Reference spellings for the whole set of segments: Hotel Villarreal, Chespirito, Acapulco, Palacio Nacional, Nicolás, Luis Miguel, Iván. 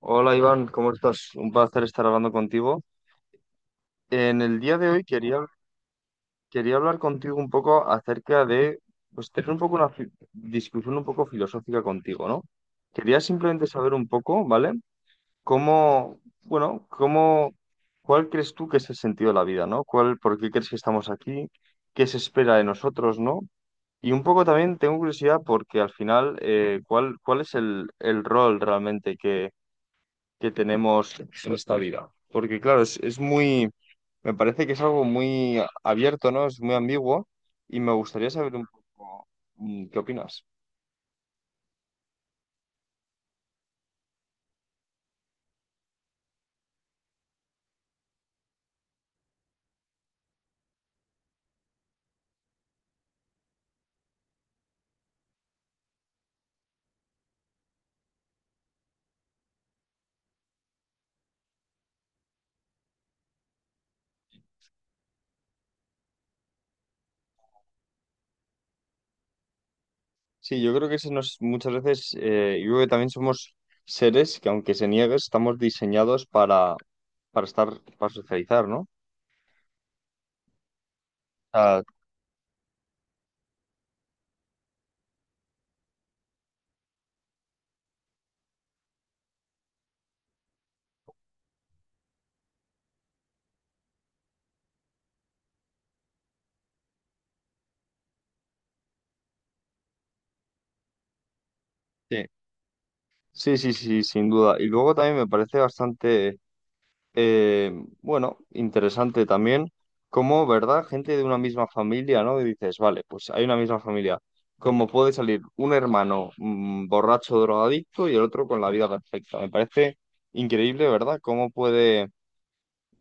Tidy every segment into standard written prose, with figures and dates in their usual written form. Hola Iván, ¿cómo estás? Un placer estar hablando contigo. En el día de hoy quería hablar contigo un poco acerca de, pues tener un poco una discusión un poco filosófica contigo, ¿no? Quería simplemente saber un poco, ¿vale? Bueno, ¿cuál crees tú que es el sentido de la vida, ¿no? ¿Cuál, por qué crees que estamos aquí? ¿Qué se espera de nosotros, ¿no? Y un poco también tengo curiosidad porque al final, ¿cuál es el rol realmente que tenemos en esta vida? Porque claro, es muy, me parece que es algo muy abierto, ¿no? Es muy ambiguo y me gustaría saber un poco qué opinas. Sí, yo creo que se nos, muchas veces, yo creo que también somos seres que aunque se niegue, estamos diseñados para estar, para socializar, ¿no? Ah, sí. Sí, sí, sí, sin duda. Y luego también me parece bastante Eh, bueno, interesante también cómo, ¿verdad? Gente de una misma familia, ¿no? Y dices, vale, pues hay una misma familia. ¿Cómo puede salir un hermano borracho, drogadicto y el otro con la vida perfecta? Me parece increíble, ¿verdad? Cómo puede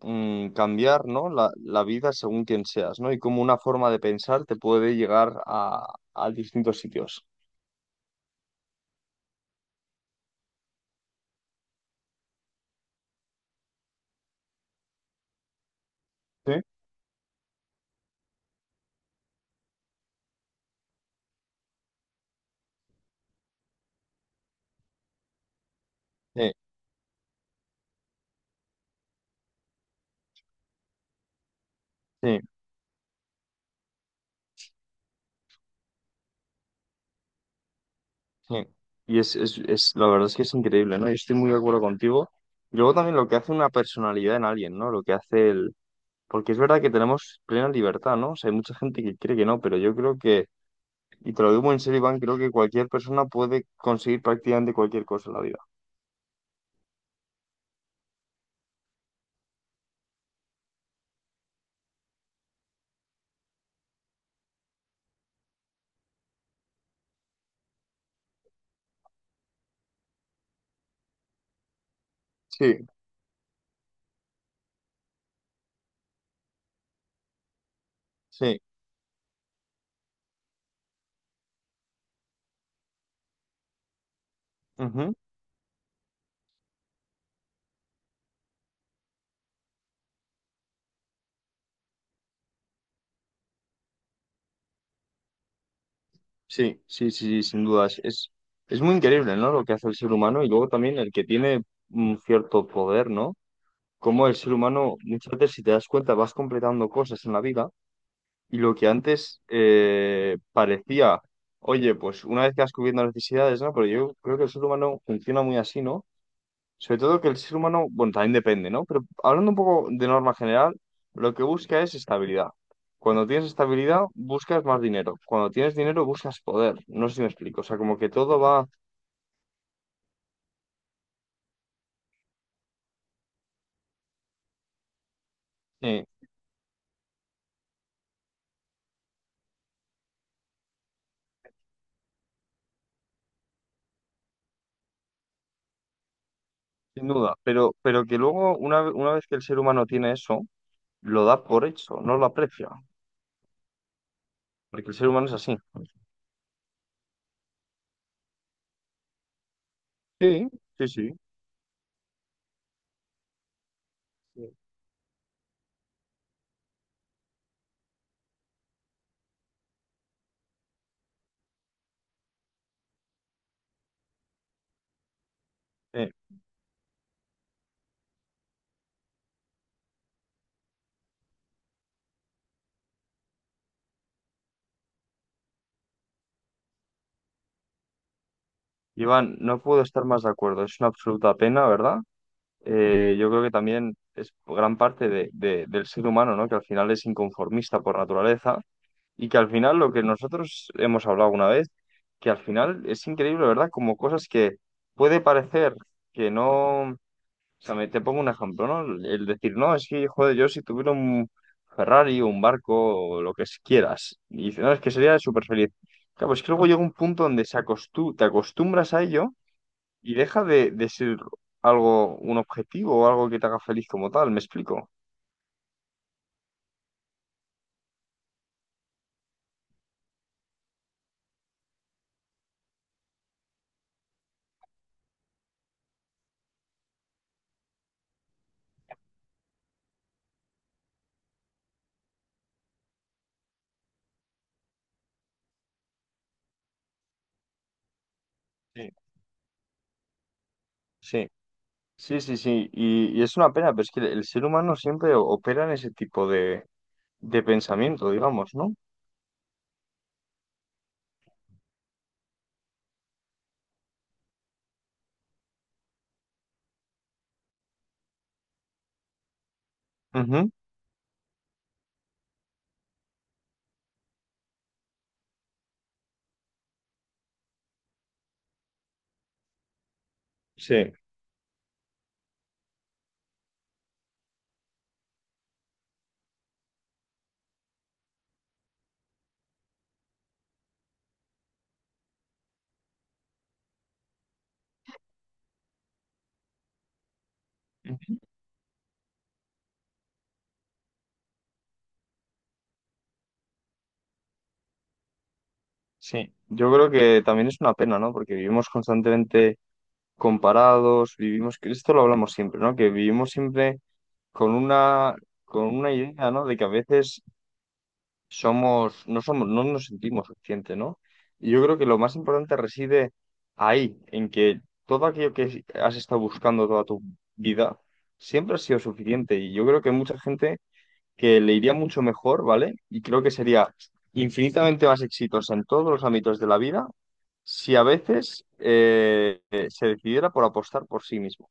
cambiar, ¿no? La vida según quien seas, ¿no? Y cómo una forma de pensar te puede llegar a distintos sitios. Sí. Sí, sí. Sí. Y la verdad es que es increíble, ¿no? Yo estoy muy de acuerdo contigo. Y luego también lo que hace una personalidad en alguien, ¿no? Lo que hace el... Porque es verdad que tenemos plena libertad, ¿no? O sea, hay mucha gente que cree que no, pero yo creo que, y te lo digo muy en serio, Iván, creo que cualquier persona puede conseguir prácticamente cualquier cosa en la vida. Sí, sí, ujú. Sí, sí, sí, sí, sin dudas. Es muy increíble, ¿no? Lo que hace el ser humano y luego también el que tiene un cierto poder, ¿no? Como el ser humano, muchas veces, si te das cuenta, vas completando cosas en la vida. Y lo que antes parecía, oye, pues una vez que vas cubriendo las necesidades, ¿no? Pero yo creo que el ser humano funciona muy así, ¿no? Sobre todo que el ser humano, bueno, también depende, ¿no? Pero hablando un poco de norma general, lo que busca es estabilidad. Cuando tienes estabilidad, buscas más dinero. Cuando tienes dinero, buscas poder. No sé si me explico. O sea, como que todo va, eh, sin duda, pero que luego, una vez que el ser humano tiene eso, lo da por hecho, no lo aprecia, porque el ser humano es así. Sí, sí, sí. Sí. Iván, no puedo estar más de acuerdo. Es una absoluta pena, ¿verdad? Yo creo que también es gran parte del ser humano, ¿no? Que al final es inconformista por naturaleza y que al final lo que nosotros hemos hablado una vez, que al final es increíble, ¿verdad? Como cosas que puede parecer que no... O sea, te pongo un ejemplo, ¿no? El decir, no, es que, joder, yo si tuviera un Ferrari, un barco, o lo que quieras, y dices, no, es que sería súper feliz. Claro, pues que luego llega un punto donde te acostumbras a ello y deja de ser algo, un objetivo o algo que te haga feliz como tal, ¿me explico? Sí, sí, sí, sí, sí. Y es una pena, pero es que el ser humano siempre opera en ese tipo de pensamiento, digamos, ¿no? Ujú. Sí. Ujú. Sí. Yo creo que también es una pena, ¿no? Porque vivimos constantemente comparados, vivimos, que esto lo hablamos siempre, ¿no? Que vivimos siempre con una, con una idea, ¿no? De que a veces somos, no nos sentimos suficientes, ¿no? Y yo creo que lo más importante reside ahí, en que todo aquello que has estado buscando toda tu vida siempre ha sido suficiente. Y yo creo que hay mucha gente que le iría mucho mejor, ¿vale? Y creo que sería infinitamente más exitosa en todos los ámbitos de la vida si a veces se decidiera por apostar por sí mismo.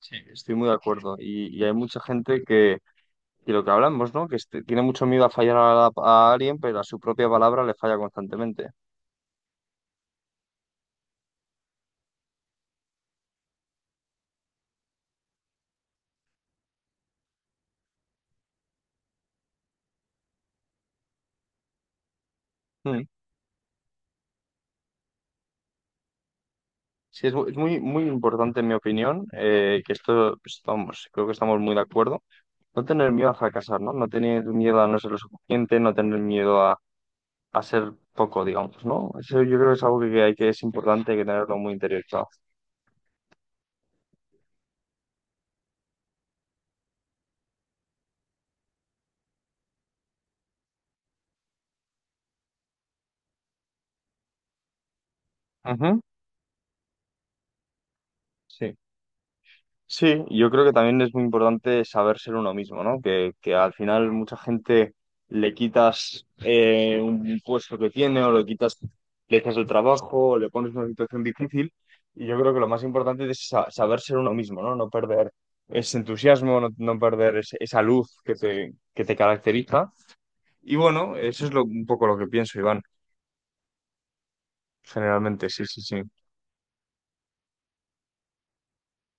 Sí, estoy muy de acuerdo. Y hay mucha gente que... Y lo que hablamos, ¿no? Que tiene mucho miedo a fallar a alguien, pero a su propia palabra le falla constantemente. Mm. Sí, es muy, muy importante, en mi opinión, que esto, pues, vamos, creo que estamos muy de acuerdo. No tener miedo a fracasar, ¿no? No tener miedo a no ser lo suficiente, no tener miedo a ser poco, digamos, ¿no? Eso yo creo que es algo que hay que es importante, hay que tenerlo muy interiorizado. Ujú. Sí. Sí, yo creo que también es muy importante saber ser uno mismo, ¿no? Que al final mucha gente le quitas un puesto que tiene o le quitas el trabajo o le pones una situación difícil. Y yo creo que lo más importante es saber ser uno mismo, ¿no? No perder ese entusiasmo, no perder esa luz que te caracteriza. Y bueno, eso es un poco lo que pienso, Iván, generalmente, sí, sí, sí.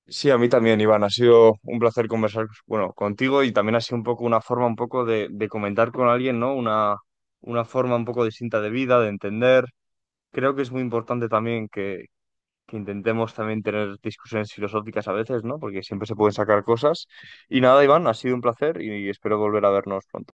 Sí, a mí también, Iván. Ha sido un placer conversar, bueno, contigo y también ha sido un poco una forma un poco de comentar con alguien, ¿no? Una forma un poco distinta de vida, de entender. Creo que es muy importante también que intentemos también tener discusiones filosóficas a veces, ¿no? Porque siempre se pueden sacar cosas. Y nada, Iván, ha sido un placer y espero volver a vernos pronto.